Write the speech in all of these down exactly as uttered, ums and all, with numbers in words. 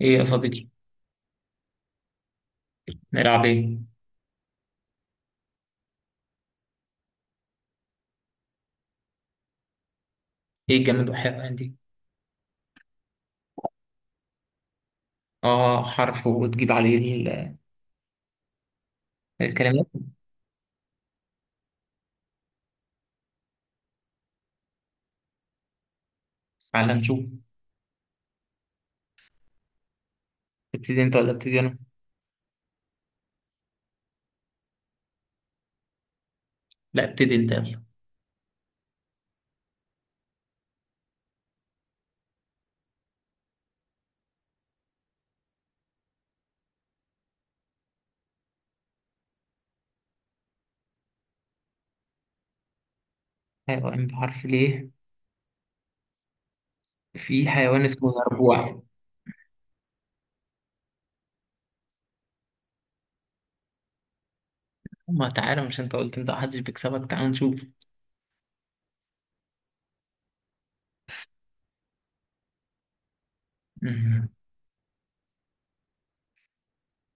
ايه يا صديقي. نلعب ايه؟ ايه الجماد والحيوان دي؟ اه، حرف وتجيب عليه ال- الكلمات. على نشوف. ابتدي انت ولا ابتدي انا؟ لا، ابتدي انت يلا. حيوان بحرف ليه؟ في حيوان اسمه الارجوع. ما تعالى، مش انت قلت انت محدش بيكسبك؟ تعال نشوف. مم.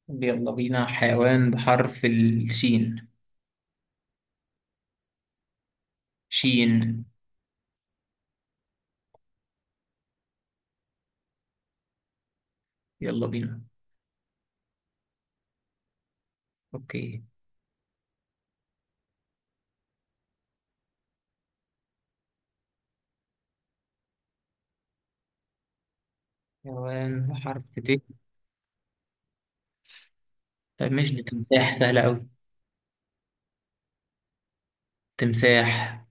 يلا بينا، حيوان بحرف الشين. شين. يلا بينا. اوكي. حيوان بحرف ت. طيب مش ده تمساح؟ سهلة أوي. تمساح.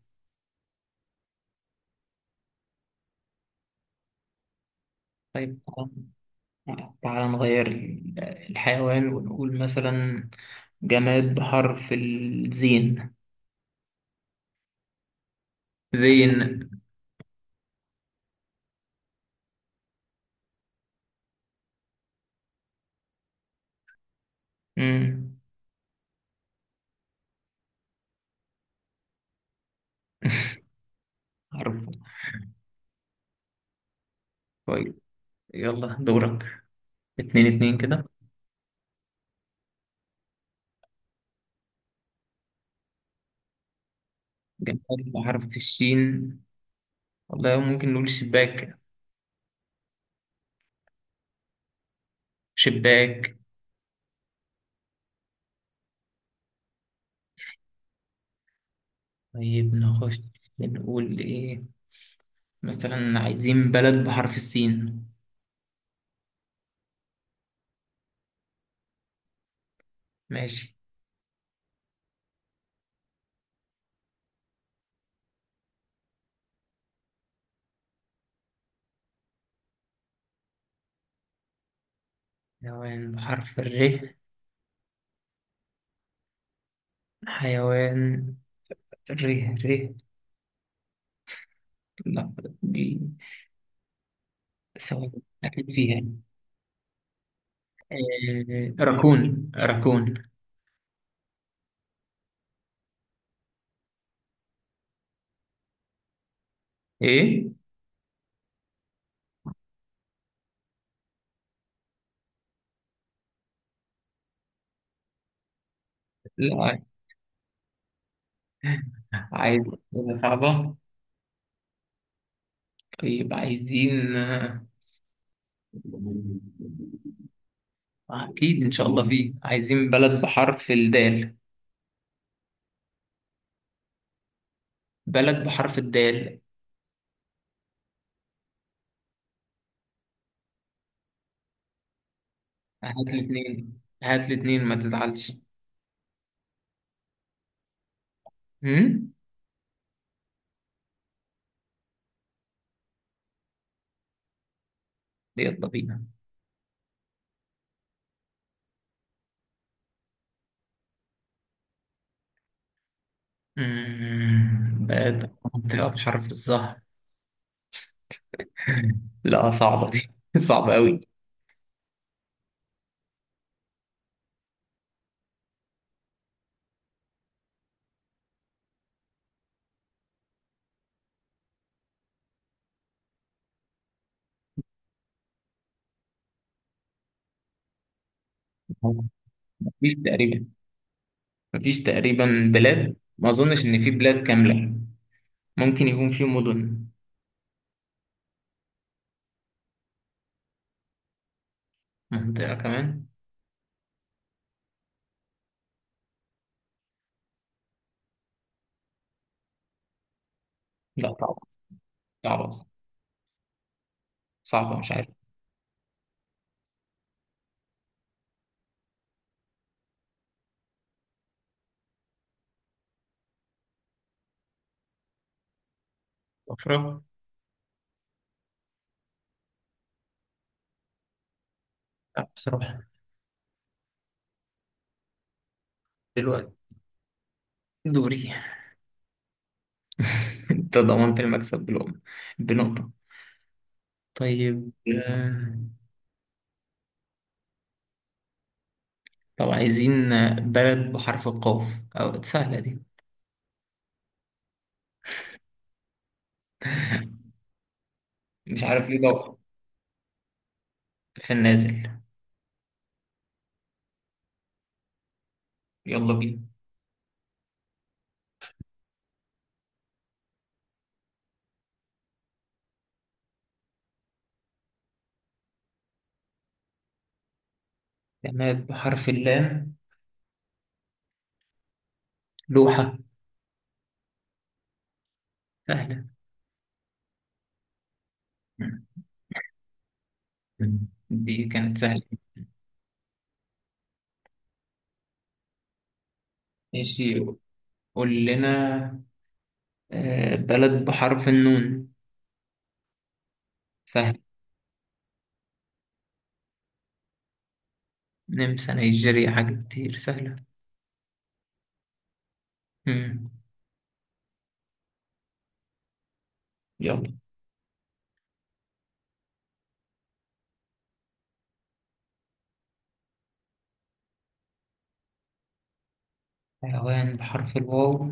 طيب. تعال نغير ال- الحيوان ونقول مثلا جماد بحرف الزين. زين. مم. حرف. طيب، يلا دورك. اتنين اتنين كده. جماد بحرف الشين. والله ممكن نقول شباك. شباك. طيب نخش. نقول ايه؟ مثلا عايزين بلد بحرف السين. ماشي. حيوان بحرف الر. حيوان. ر. ر. لا. دي. سوا. أكيد فيها. إيه، راكون راكون. ايه. لا. عايز. حاجة صعبة. طيب عايزين آه، اكيد ان شاء الله فيه. عايزين بلد بحرف الدال. بلد بحرف الدال. هات لي اتنين، هات لي اتنين، ما تزعلش. امم. يلا بينا. أمم، بلد منطقة بحرف الظهر. لا، صعبة دي صعبة قوي. مفيش تقريبا، مفيش تقريبا بلاد. ما اظنش ان في بلاد كاملة. ممكن يكون في مدن. منطقة كمان. لا طبعا. صعبة. صعبة، مش عارف. أفرق. لا بصراحة. دلوقتي. دوري. أنت ضمنت المكسب بلقمة. بنقطة. طيب آه، طب عايزين بلد بحرف القاف. أو سهلة دي. مش عارف ليه. دور في النازل. يلا بينا. جماد بحرف اللام. لوحة. سهلة. دي كانت سهلة. ماشي. قول لنا آه، بلد بحرف النون. سهل. نمسا، نيجيريا، حاجة كتير سهلة. مم. يلا. حيوان بحرف الواو.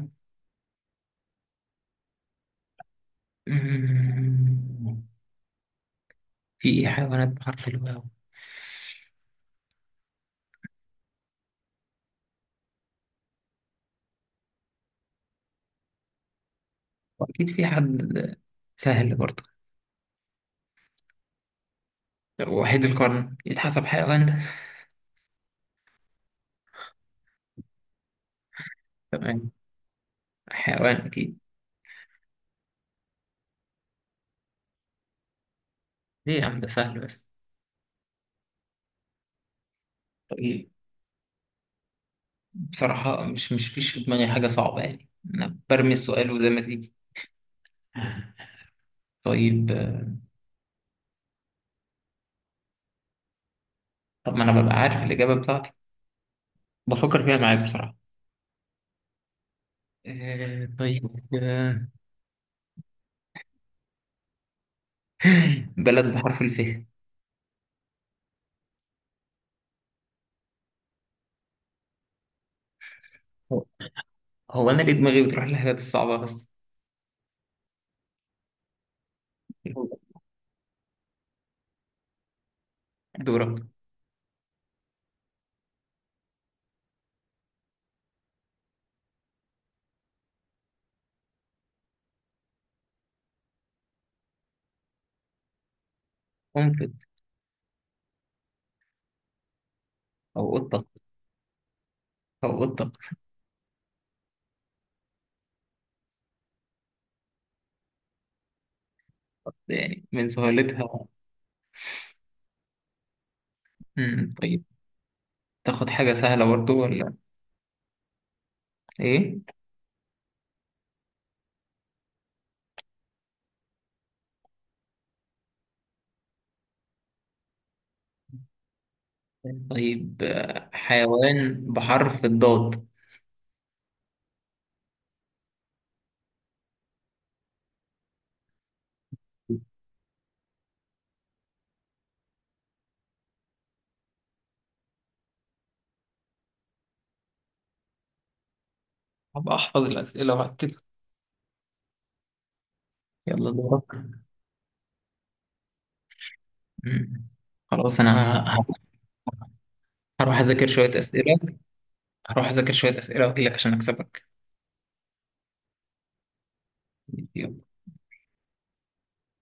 مم. في إيه حيوانات بحرف الواو؟ وأكيد في حد. سهل برضه. وحيد القرن يتحسب حيوان ده. تمام. حيوان أكيد. ليه يا عم، ده سهل بس. طيب. بصراحة مش مش فيش في دماغي حاجة صعبة يعني. أنا برمي السؤال وزي ما تيجي. طيب. طب ما أنا ببقى عارف الإجابة بتاعتي. بفكر فيها معاك بصراحة. آه، طيب آه، بلد بحرف الف. هو هو انا ليه دماغي بتروح للحاجات الصعبه بس. دورك. قنفذ. او قطه. او قطه. يعني من سهولتها. مم، طيب. تاخد حاجه سهله برضو ولا ايه؟ طيب آه، حيوان بحرف الضاد. هبقى احفظ الاسئله وهكتب. يلا دورك. مم. خلاص انا ه- هروح اذاكر شويه اسئله. هروح اذاكر شويه اسئله واجيلك عشان اكسبك.